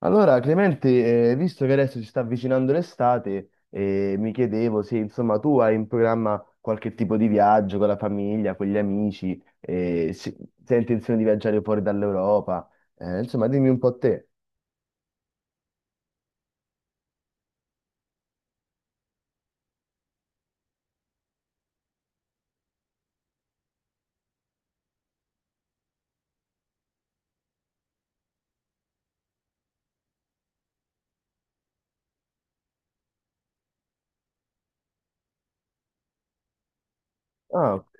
Allora, Clemente, visto che adesso si sta avvicinando l'estate, mi chiedevo se insomma tu hai in programma qualche tipo di viaggio con la famiglia, con gli amici, se hai intenzione di viaggiare fuori dall'Europa. Insomma dimmi un po' te. Ah, ok.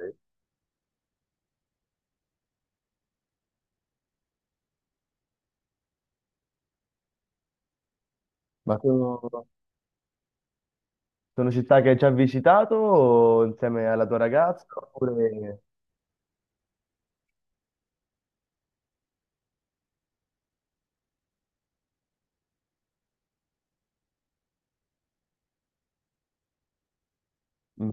Ma sono, Sono città che hai già visitato o insieme alla tua ragazza? Oppure... Mm.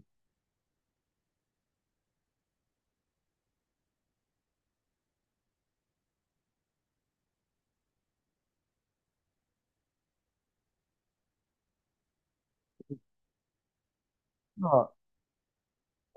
No.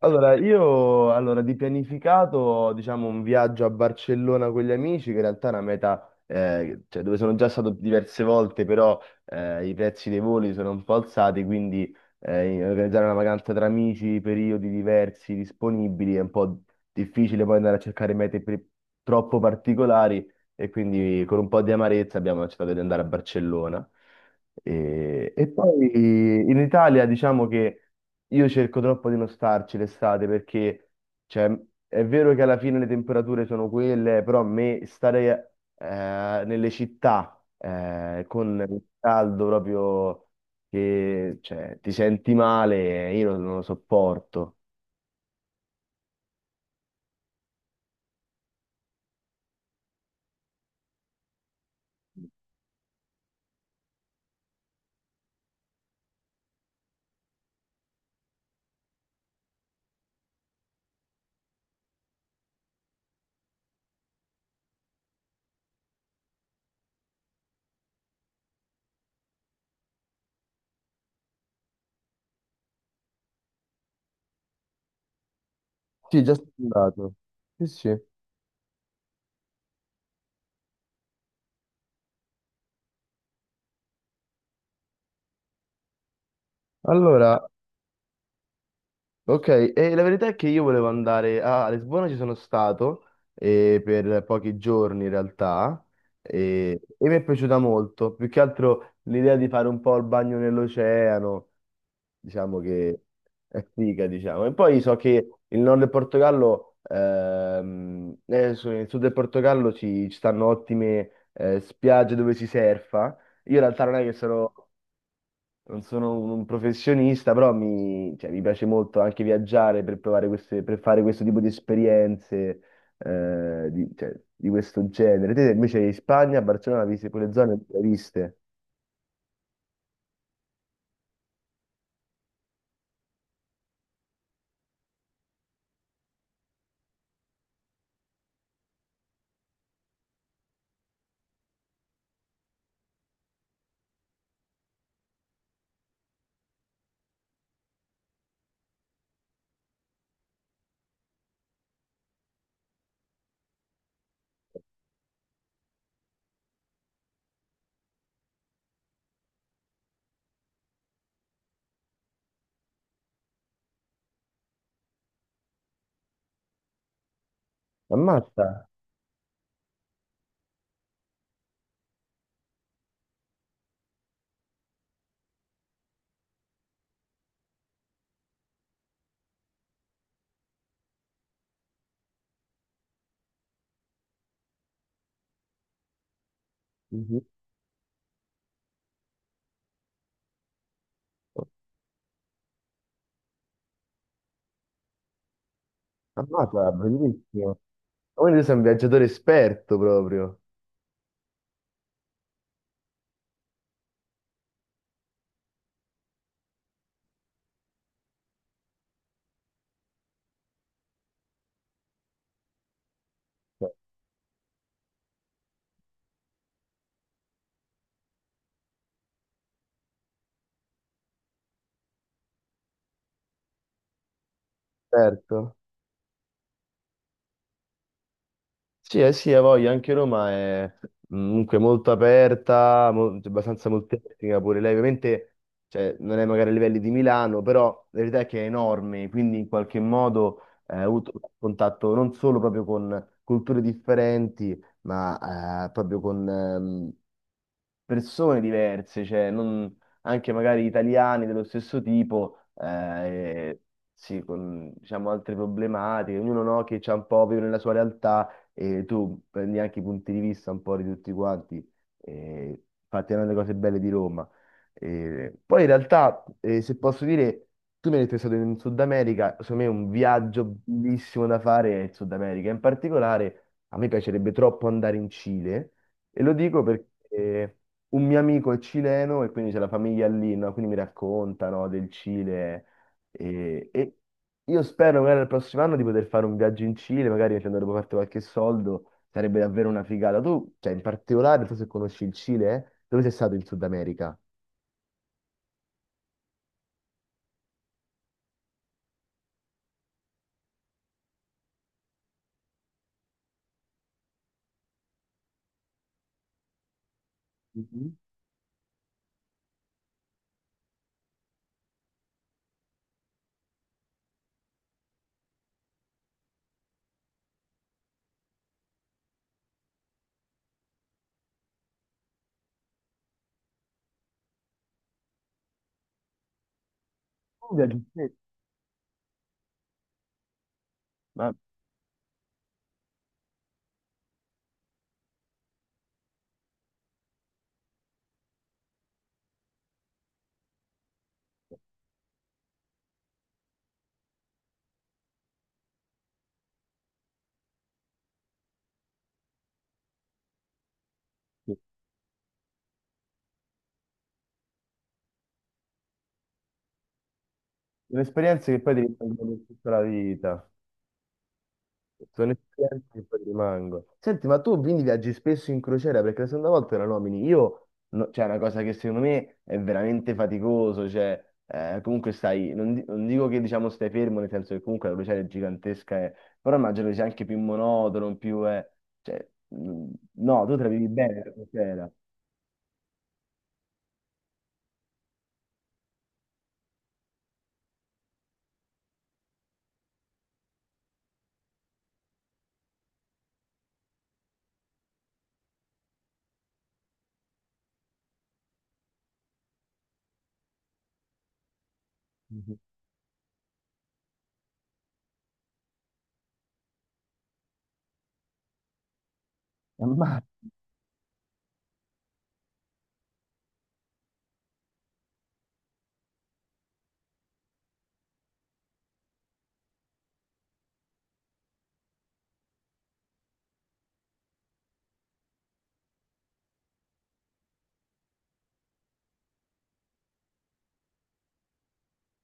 Allora, di pianificato, diciamo, un viaggio a Barcellona con gli amici, che in realtà è una meta cioè, dove sono già stato diverse volte, però i prezzi dei voli sono un po' alzati, quindi organizzare una vacanza tra amici, periodi diversi, disponibili, è un po' difficile poi andare a cercare troppo particolari e quindi con un po' di amarezza abbiamo accettato di andare a Barcellona. E poi in Italia diciamo che... Io cerco troppo di non starci l'estate perché, cioè, è vero che alla fine le temperature sono quelle, però a me stare nelle città con il caldo proprio che cioè, ti senti male, io non, non lo sopporto. Sì, già sono andato. Sì, sì. Allora, ok, e la verità è che io volevo andare a Lisbona, ci sono stato per pochi giorni in realtà e mi è piaciuta molto, più che altro l'idea di fare un po' il bagno nell'oceano, diciamo che è figa, diciamo. E poi so che il nord del Portogallo, scusa, nel sud del Portogallo ci stanno ottime spiagge dove si surfa. Io in realtà non è che Mm. sono non sono un professionista, però mi piace molto anche viaggiare per per fare questo tipo di esperienze cioè, di questo genere. Te invece in Spagna, a Barcellona, viste quelle zone le hai viste? Ammazza! Mhm. Ammazza, bellissimo! Ma quindi tu sei un viaggiatore esperto proprio. Cioè, esperto? Sì, eh sì, ha voglia, anche Roma è mm, comunque molto aperta, cioè, abbastanza multietnica pure lei, ovviamente cioè, non è magari a livelli di Milano, però la verità è che è enorme, quindi in qualche modo ha avuto contatto non solo proprio con culture differenti, ma proprio con, persone diverse, anche magari italiani dello stesso tipo, sì, con diciamo, altre problematiche, ognuno no, che c'ha un po' vive nella sua realtà e tu prendi anche i punti di vista un po' di tutti quanti, infatti è una delle cose belle di Roma. Poi in realtà, se posso dire, tu mi hai detto che sei stato in Sud America, secondo me un viaggio bellissimo da fare è il Sud America, in particolare a me piacerebbe troppo andare in Cile. E lo dico perché un mio amico è cileno e quindi c'è la famiglia lì, no? Quindi mi raccontano del Cile e io spero magari il prossimo anno di poter fare un viaggio in Cile, magari facendo dopo parte qualche soldo, sarebbe davvero una figata. Tu, cioè, in particolare, non so se conosci il Cile, eh? Dove sei stato in Sud America? Mhm. Un viaggio in sé. Ma sì, sono esperienze che poi ti rimangono per tutta la vita. Sono esperienze che poi rimango. Senti, ma tu quindi viaggi spesso in crociera? Perché la seconda volta la nomini. Io, no- cioè, è una cosa che secondo me è veramente faticoso. Cioè, comunque stai, non dico che diciamo stai fermo, nel senso che comunque la crociera è gigantesca, però immagino che sia anche più monotono, cioè, mh, no, tu te la vivi bene la crociera. Mhm. Ma,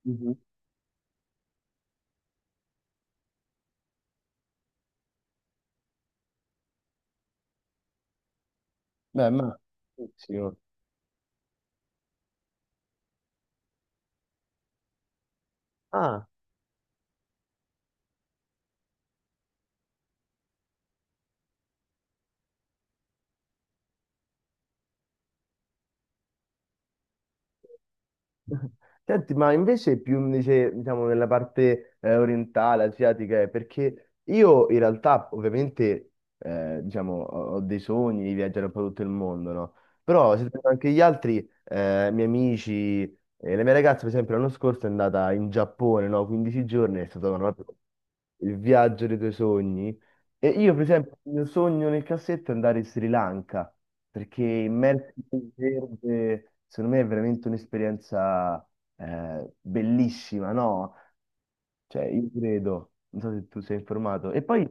Mhm. beh, ma, Ah, Senti, diciamo, nella parte orientale, asiatica, perché io in realtà ovviamente ho dei sogni di viaggiare un po' tutto il mondo, no? Però se penso anche gli altri, miei amici, la mia ragazza per esempio l'anno scorso è andata in Giappone, no? 15 giorni, è stato no, proprio il viaggio dei tuoi sogni. E io, per esempio, il mio sogno nel cassetto è andare in Sri Lanka, perché immersi nel verde, secondo me, è veramente un'esperienza bellissima, no? Cioè, io credo, non so se tu sei informato. E poi,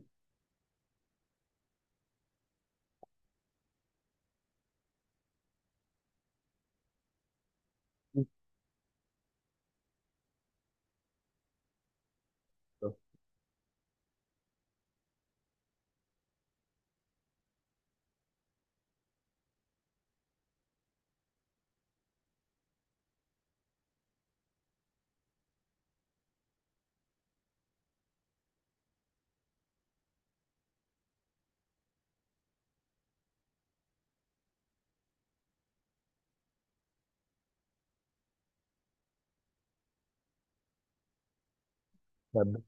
vabbè.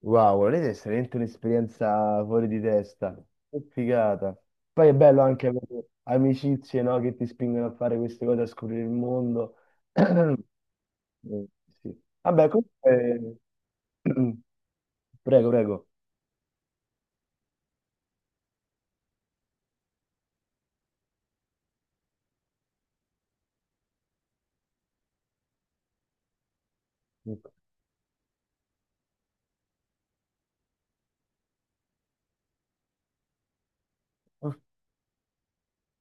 Wow, volete è veramente un'esperienza fuori di testa, che figata. Poi è bello anche avere amicizie, no, che ti spingono a fare queste cose, a scoprire il mondo. Mm, sì. Vabbè, comunque... Prego, prego. Ecco.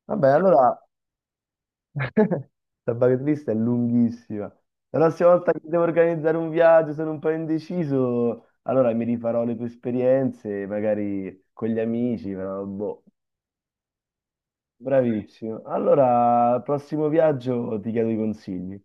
Vabbè, allora... La bucket list è lunghissima. La prossima volta che devo organizzare un viaggio, sono un po' indeciso, allora mi rifarò le tue esperienze, magari con gli amici, però boh. Bravissimo. Allora, al prossimo viaggio ti chiedo i consigli.